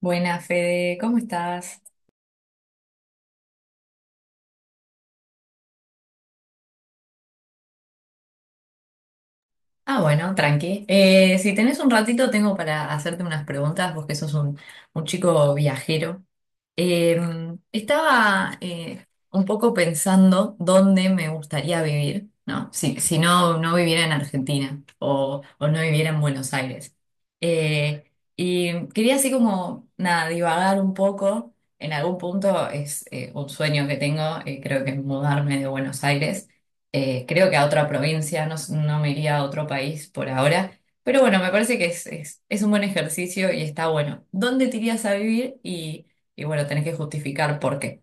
Buenas, Fede, ¿cómo estás? Ah, bueno, tranqui. Si tenés un ratito, tengo para hacerte unas preguntas, vos que sos un chico viajero. Eh, Estaba un poco pensando dónde me gustaría vivir, ¿no? Si no, no viviera en Argentina o no viviera en Buenos Aires. Eh, y quería así como, nada, divagar un poco. En algún punto es un sueño que tengo, creo que es mudarme de Buenos Aires. Creo que a otra provincia, no, no me iría a otro país por ahora. Pero bueno, me parece que es un buen ejercicio y está bueno. ¿Dónde te irías a vivir y... y bueno, tenés que justificar por qué?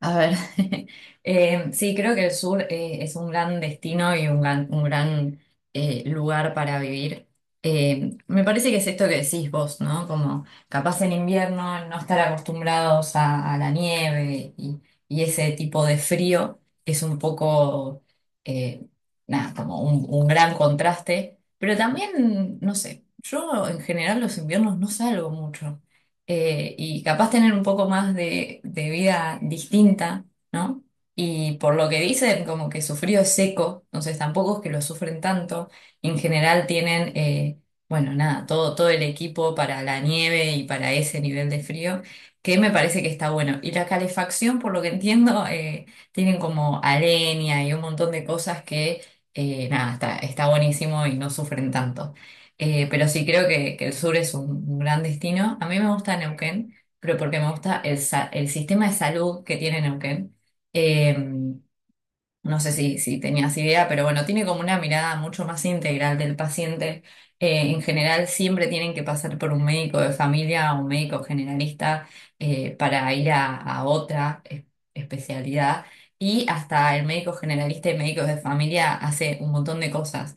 A ver, sí, creo que el sur es un gran destino y un gran lugar para vivir. Me parece que es esto que decís vos, ¿no? Como capaz en invierno no estar acostumbrados a la nieve y ese tipo de frío es un poco, eh, nada, como un gran contraste. Pero también, no sé, yo en general los inviernos no salgo mucho. Y capaz tener un poco más de vida distinta, ¿no? Y por lo que dicen, como que su frío es seco, entonces tampoco es que lo sufren tanto. En general tienen, bueno, nada, todo el equipo para la nieve y para ese nivel de frío, que me parece que está bueno. Y la calefacción, por lo que entiendo, tienen como aleña y un montón de cosas que, nada, está buenísimo y no sufren tanto. Pero sí creo que el sur es un gran destino. A mí me gusta Neuquén, pero porque me gusta el sistema de salud que tiene Neuquén. Em, no sé si tenías idea, pero bueno, tiene como una mirada mucho más integral del paciente. En general, siempre tienen que pasar por un médico de familia o un médico generalista para ir a otra especialidad. Y hasta el médico generalista y médicos de familia hace un montón de cosas.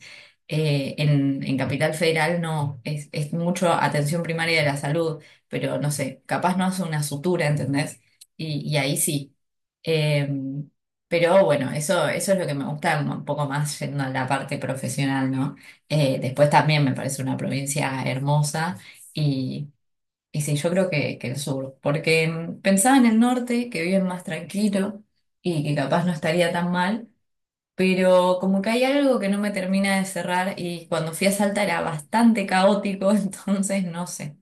En Capital Federal no, es mucho atención primaria de la salud, pero no sé, capaz no hace una sutura, ¿entendés? Y ahí sí. Em, pero bueno, eso es lo que me gusta un poco más yendo a la parte profesional, ¿no? Después también me parece una provincia hermosa y, y sí, yo creo que el sur, porque mm, pensaba en el norte, que viven más tranquilo y que capaz no estaría tan mal, pero como que hay algo que no me termina de cerrar y cuando fui a Salta era bastante caótico, entonces no sé.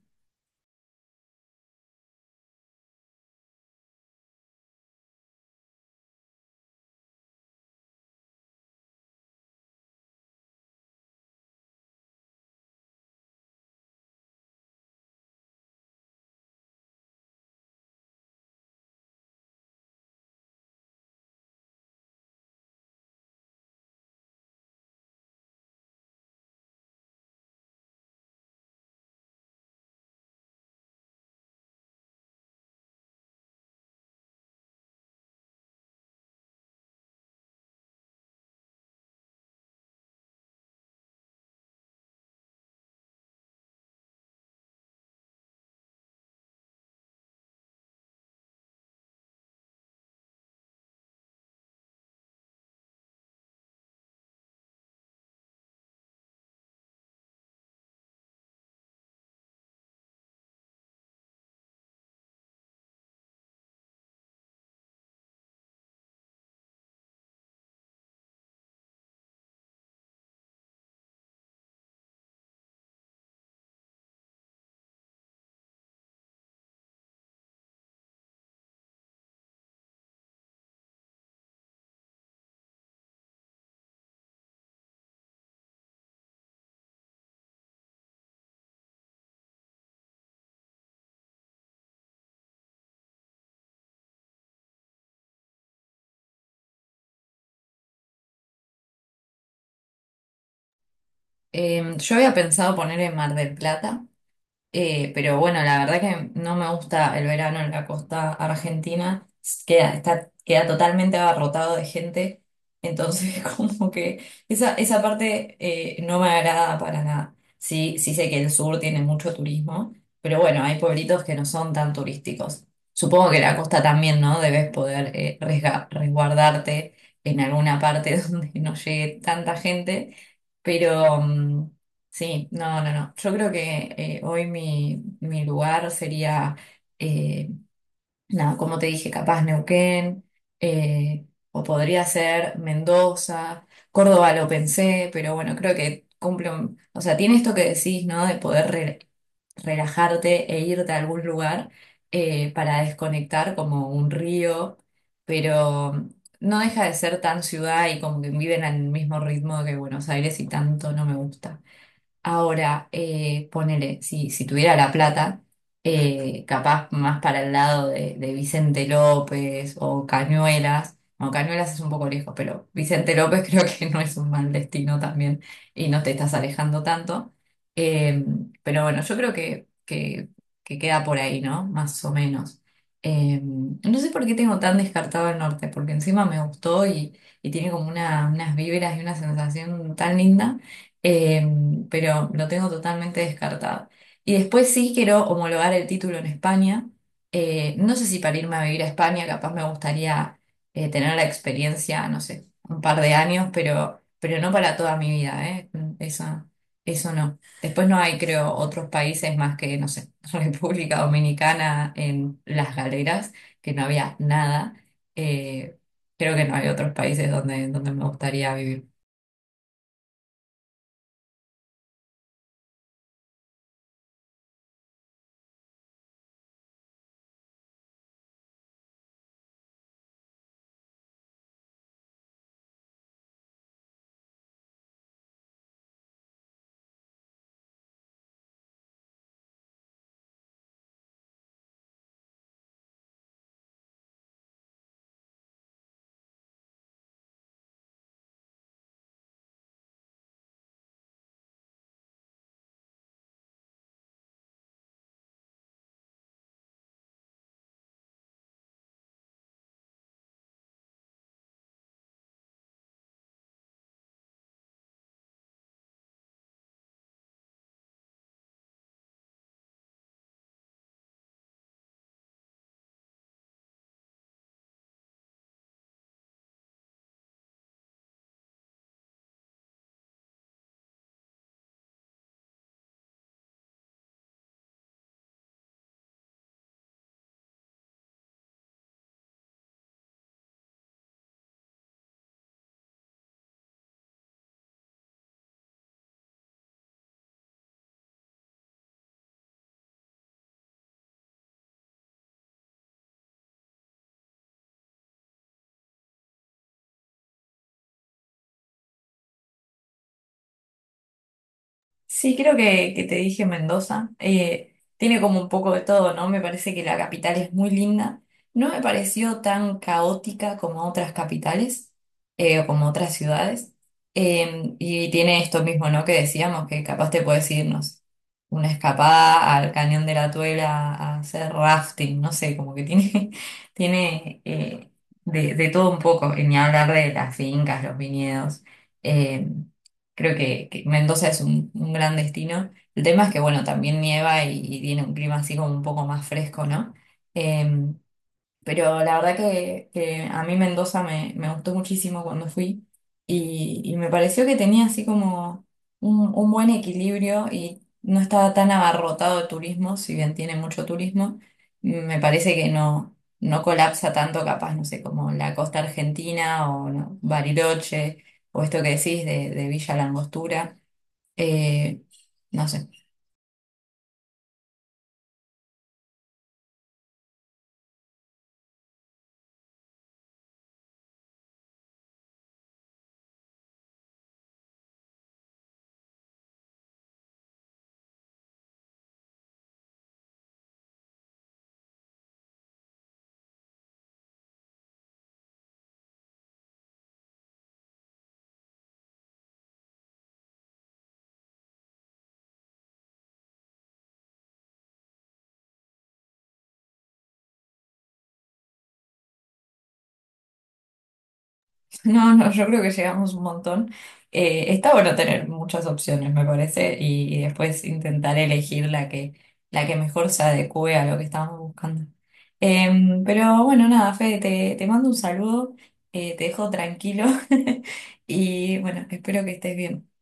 Yo había pensado poner en Mar del Plata. Pero bueno, la verdad que no me gusta el verano en la costa argentina. Queda, está, queda totalmente abarrotado de gente. Entonces, como que esa parte no me agrada para nada. Sí, sí sé que el sur tiene mucho turismo, pero bueno, hay pueblitos que no son tan turísticos. Supongo que la costa también, ¿no? Debes poder resguardarte en alguna parte donde no llegue tanta gente. Pero, mm, sí, no, no, no. Yo creo que hoy mi lugar sería, eh, nada, como te dije, capaz Neuquén, eh, o podría ser Mendoza, Córdoba lo pensé, pero bueno, creo que cumple o sea, tiene esto que decís, ¿no? De poder relajarte e irte a algún lugar para desconectar como un río, pero no deja de ser tan ciudad y como que viven al mismo ritmo que Buenos Aires y tanto no me gusta. Ahora, ponele, si tuviera la plata, capaz más para el lado de Vicente López o Cañuelas. No, Cañuelas es un poco lejos, pero Vicente López creo que no es un mal destino también y no te estás alejando tanto. Eh, pero bueno, yo creo que queda por ahí, ¿no? Más o menos. No sé por qué tengo tan descartado el norte, porque encima me gustó y tiene como una, unas vibras y una sensación tan linda. Em, pero lo tengo totalmente descartado. Y después sí quiero homologar el título en España. No sé si para irme a vivir a España, capaz me gustaría tener la experiencia, no sé, un par de años, pero no para toda mi vida, ¿eh? Eso, eso no. Después no hay, creo, otros países más que, no sé, República Dominicana en Las Galeras, que no había nada. Eh, creo que no hay otros países donde, donde me gustaría vivir. Sí, creo que te dije Mendoza. Tiene como un poco de todo, ¿no? Me parece que la capital es muy linda. No me pareció tan caótica como otras capitales o como otras ciudades. Y tiene esto mismo, ¿no? Que decíamos, que capaz te puedes irnos una escapada al Cañón de la Tuela a hacer rafting, no sé, como que tiene, tiene de todo un poco. Y ni hablar de las fincas, los viñedos. Em, creo que Mendoza es un gran destino. El tema es que, bueno, también nieva y tiene un clima así como un poco más fresco, ¿no? Em, pero la verdad que a mí Mendoza me gustó muchísimo cuando fui y me pareció que tenía así como un buen equilibrio y no estaba tan abarrotado de turismo, si bien tiene mucho turismo, me parece que no, no colapsa tanto capaz, no sé, como la costa argentina o no, Bariloche o esto que decís de Villa Langostura, eh, no sé. No, no, yo creo que llegamos un montón. Está bueno tener muchas opciones, me parece, y después intentar elegir la que mejor se adecue a lo que estábamos buscando. Em, pero bueno, nada, Fede, te mando un saludo, te dejo tranquilo y bueno, espero que estés bien.